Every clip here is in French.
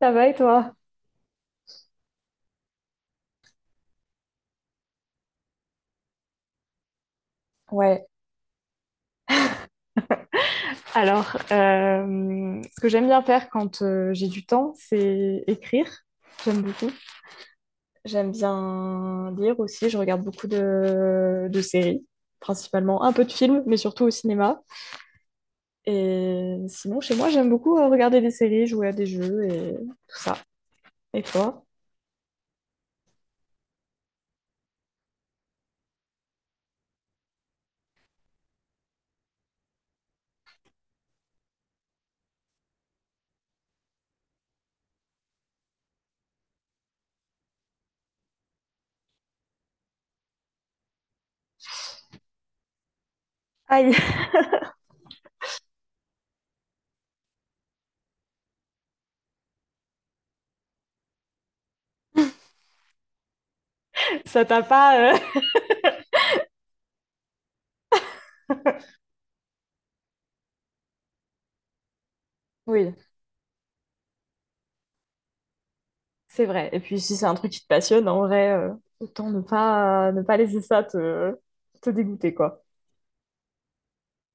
Ça va et toi? Ouais, Alors, ce que j'aime bien faire quand j'ai du temps, c'est écrire. J'aime beaucoup. J'aime bien lire aussi. Je regarde beaucoup de séries, principalement un peu de films, mais surtout au cinéma. Et sinon, chez moi, j'aime beaucoup regarder des séries, jouer à des jeux et tout ça. Et toi? Aïe. Ça t'a pas. Oui, c'est vrai. Et puis, si c'est un truc qui te passionne, en vrai, autant ne pas laisser ça te dégoûter, quoi.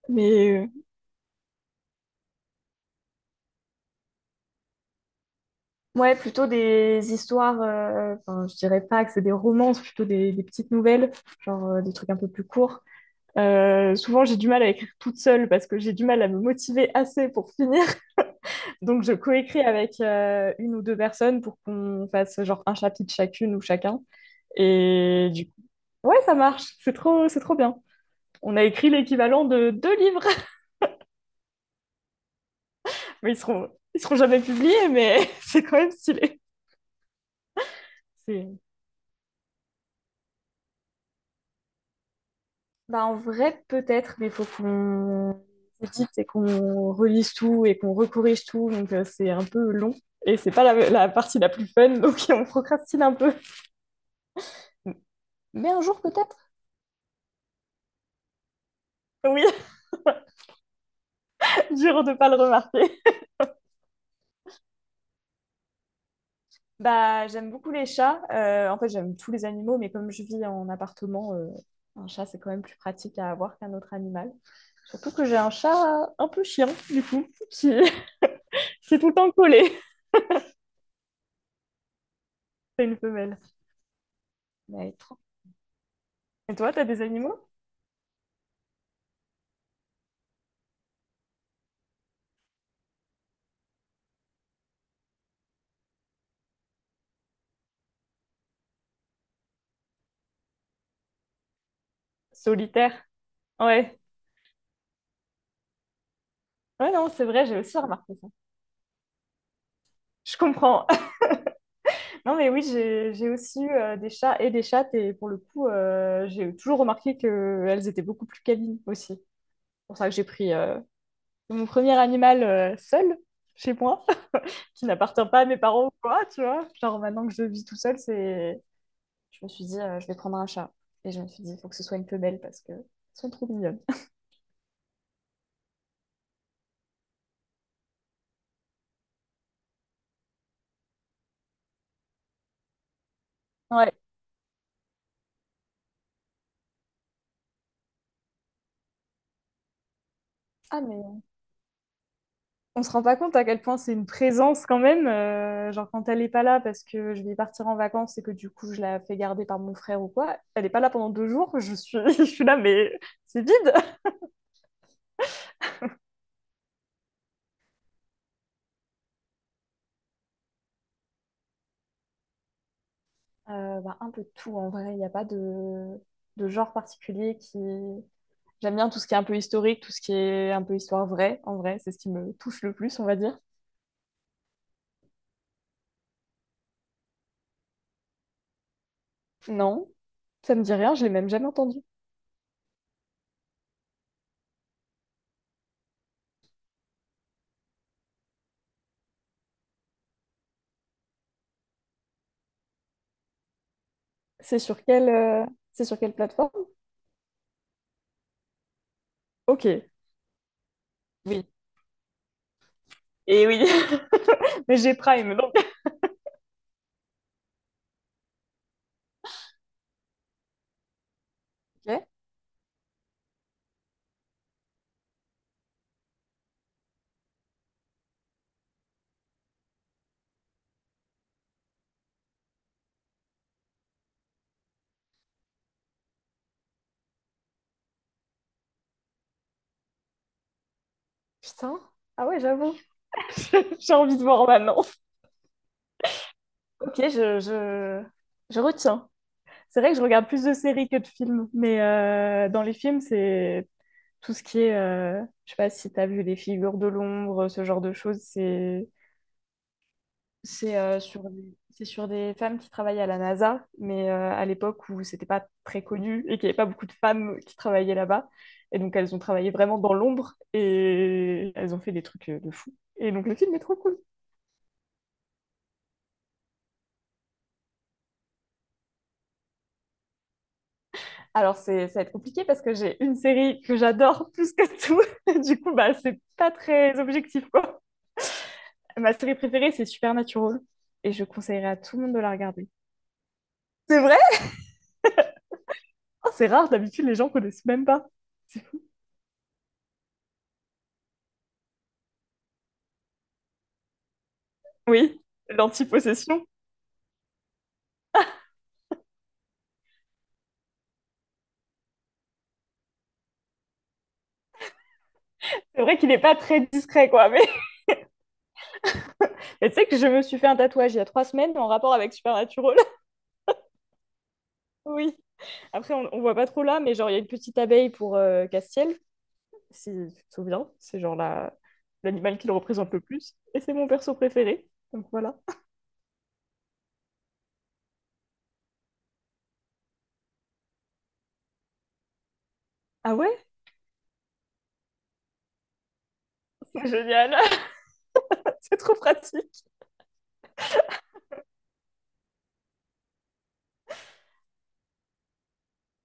Mais ouais, plutôt des histoires, enfin, je dirais pas que c'est des romances, plutôt des petites nouvelles, genre des trucs un peu plus courts. Souvent, j'ai du mal à écrire toute seule parce que j'ai du mal à me motiver assez pour finir. Donc, je coécris avec une ou deux personnes pour qu'on fasse genre un chapitre chacune ou chacun. Et du coup, ouais, ça marche. C'est trop bien. On a écrit l'équivalent de deux livres, mais ils seront jamais publiés, mais c'est quand même stylé. C'est Bah, en vrai, peut-être, mais il faut qu'on édite et qu'on relise tout et qu'on recorrige tout. Donc, c'est un peu long. Et c'est pas la partie la plus fun, donc on procrastine un peu. Mais un jour, peut-être. Oui, dur de pas le remarquer. Bah, j'aime beaucoup les chats. En fait, j'aime tous les animaux, mais comme je vis en appartement, un chat, c'est quand même plus pratique à avoir qu'un autre animal. Surtout que j'ai un chat un peu chiant, du coup, qui, qui est tout le temps collé. C'est une femelle. Mais elle est trop- Et toi, t'as des animaux? Solitaire. Ouais. Ouais, non, c'est vrai, j'ai aussi remarqué ça. Je comprends. Non, mais oui, j'ai aussi eu des chats et des chattes, et pour le coup, j'ai toujours remarqué qu'elles étaient beaucoup plus câlines aussi. C'est pour ça que j'ai pris mon premier animal seul chez moi, qui n'appartient pas à mes parents ou quoi, tu vois. Genre, maintenant que je vis tout seul, c'est. Je me suis dit, je vais prendre un chat. Et je me suis dit, il faut que ce soit une femelle parce que elles sont trop mignonnes. Ouais. Ah, mais on se rend pas compte à quel point c'est une présence quand même, genre quand elle n'est pas là parce que je vais partir en vacances et que du coup je la fais garder par mon frère ou quoi, elle n'est pas là pendant 2 jours, je suis, je suis là mais c'est vide. Bah, un peu de tout en vrai, il n'y a pas de genre particulier qui. J'aime bien tout ce qui est un peu historique, tout ce qui est un peu histoire vraie, en vrai, c'est ce qui me touche le plus, on va dire. Non, ça me dit rien, je l'ai même jamais entendu. C'est sur quelle, euh, c'est sur quelle plateforme? Ok, oui. Et oui, mais j'ai Prime, donc. Ok. Putain. Ah ouais, j'avoue. J'ai envie de voir maintenant. Ok, je retiens. C'est vrai que je regarde plus de séries que de films, mais dans les films, c'est tout ce qui est, je sais pas si t'as vu Les Figures de l'ombre, ce genre de choses, c'est sur des femmes qui travaillent à la NASA, mais à l'époque où c'était pas très connu et qu'il n'y avait pas beaucoup de femmes qui travaillaient là-bas, et donc elles ont travaillé vraiment dans l'ombre et elles ont fait des trucs de fou. Et donc le film est trop cool. Alors, ça va être compliqué parce que j'ai une série que j'adore plus que tout. Du coup, bah, c'est pas très objectif, quoi. Ma série préférée, c'est Supernatural. Et je conseillerais à tout le monde de la regarder. C'est vrai? Oh, c'est rare, d'habitude, les gens connaissent même pas. C'est fou. Oui, l'antipossession. C'est vrai qu'il est pas très discret, quoi. Mais, mais tu sais que je me suis fait un tatouage il y a 3 semaines en rapport avec Supernatural. Oui. Après, on voit pas trop là, mais genre, il y a une petite abeille pour Castiel. Si tu te souviens. C'est genre l'animal qui le représente le plus. Et c'est mon perso préféré. Donc voilà. Ah ouais? C'est génial. C'est trop pratique.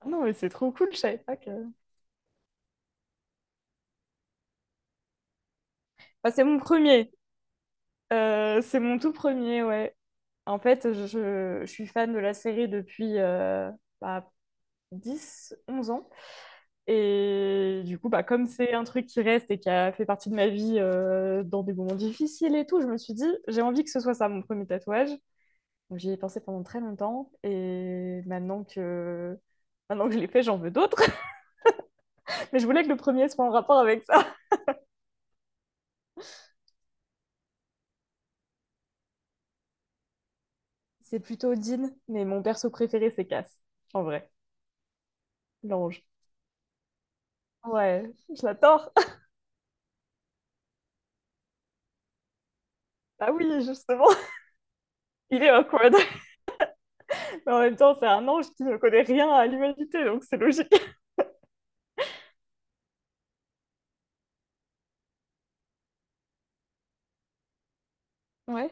Ah non, mais c'est trop cool. Je savais pas que. Bah, c'est mon premier. C'est mon tout premier, ouais. En fait, je suis fan de la série depuis bah, 10, 11 ans. Et du coup, bah, comme c'est un truc qui reste et qui a fait partie de ma vie dans des moments difficiles et tout, je me suis dit, j'ai envie que ce soit ça mon premier tatouage. J'y ai pensé pendant très longtemps et maintenant que je l'ai fait, j'en veux d'autres. Mais je voulais que le premier soit en rapport avec ça. C'est plutôt Dean, mais mon perso préféré, c'est Cass, en vrai, l'ange. Ouais, je l'adore. Ah oui, justement, il est awkward. Mais en même temps, c'est un ange qui ne connaît rien à l'humanité, donc c'est logique. Ouais.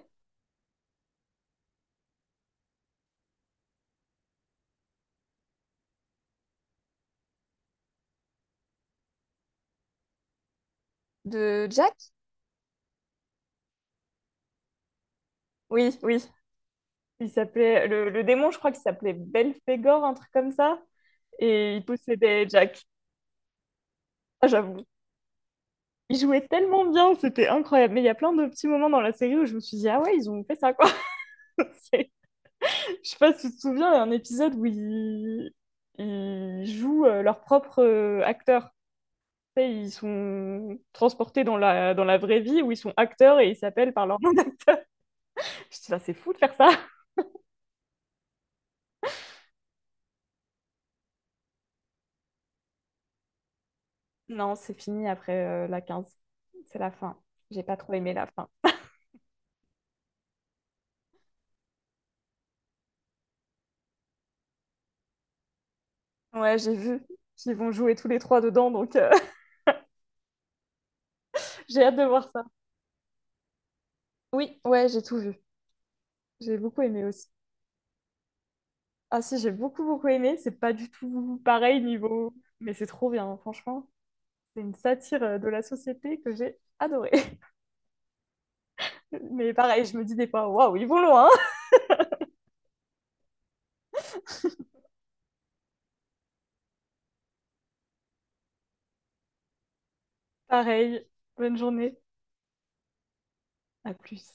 De Jack? Oui, oui. Il s'appelait, le démon, je crois qu'il s'appelait Belphégor, un truc comme ça. Et il possédait Jack. Ah, j'avoue. Ils jouaient tellement bien, c'était incroyable. Mais il y a plein de petits moments dans la série où je me suis dit, ah ouais, ils ont fait ça, quoi. C'est- Je sais pas si tu te souviens, il y a un épisode où ils jouent leur propre acteur. Tu sais, ils sont transportés dans la vraie vie où ils sont acteurs et ils s'appellent par leur nom d'acteur. Je dis, ah, c'est fou de faire ça. Non, c'est fini après la 15. C'est la fin. J'ai pas trop aimé la fin. Ouais, j'ai vu qu'ils vont jouer tous les trois dedans, donc j'ai hâte de voir ça. Oui, ouais, j'ai tout vu. J'ai beaucoup aimé aussi. Ah si, j'ai beaucoup beaucoup aimé. C'est pas du tout pareil niveau, mais c'est trop bien, franchement. C'est une satire de la société que j'ai adorée. Mais pareil, je me dis des fois, waouh, ils vont loin. Pareil, bonne journée, à plus.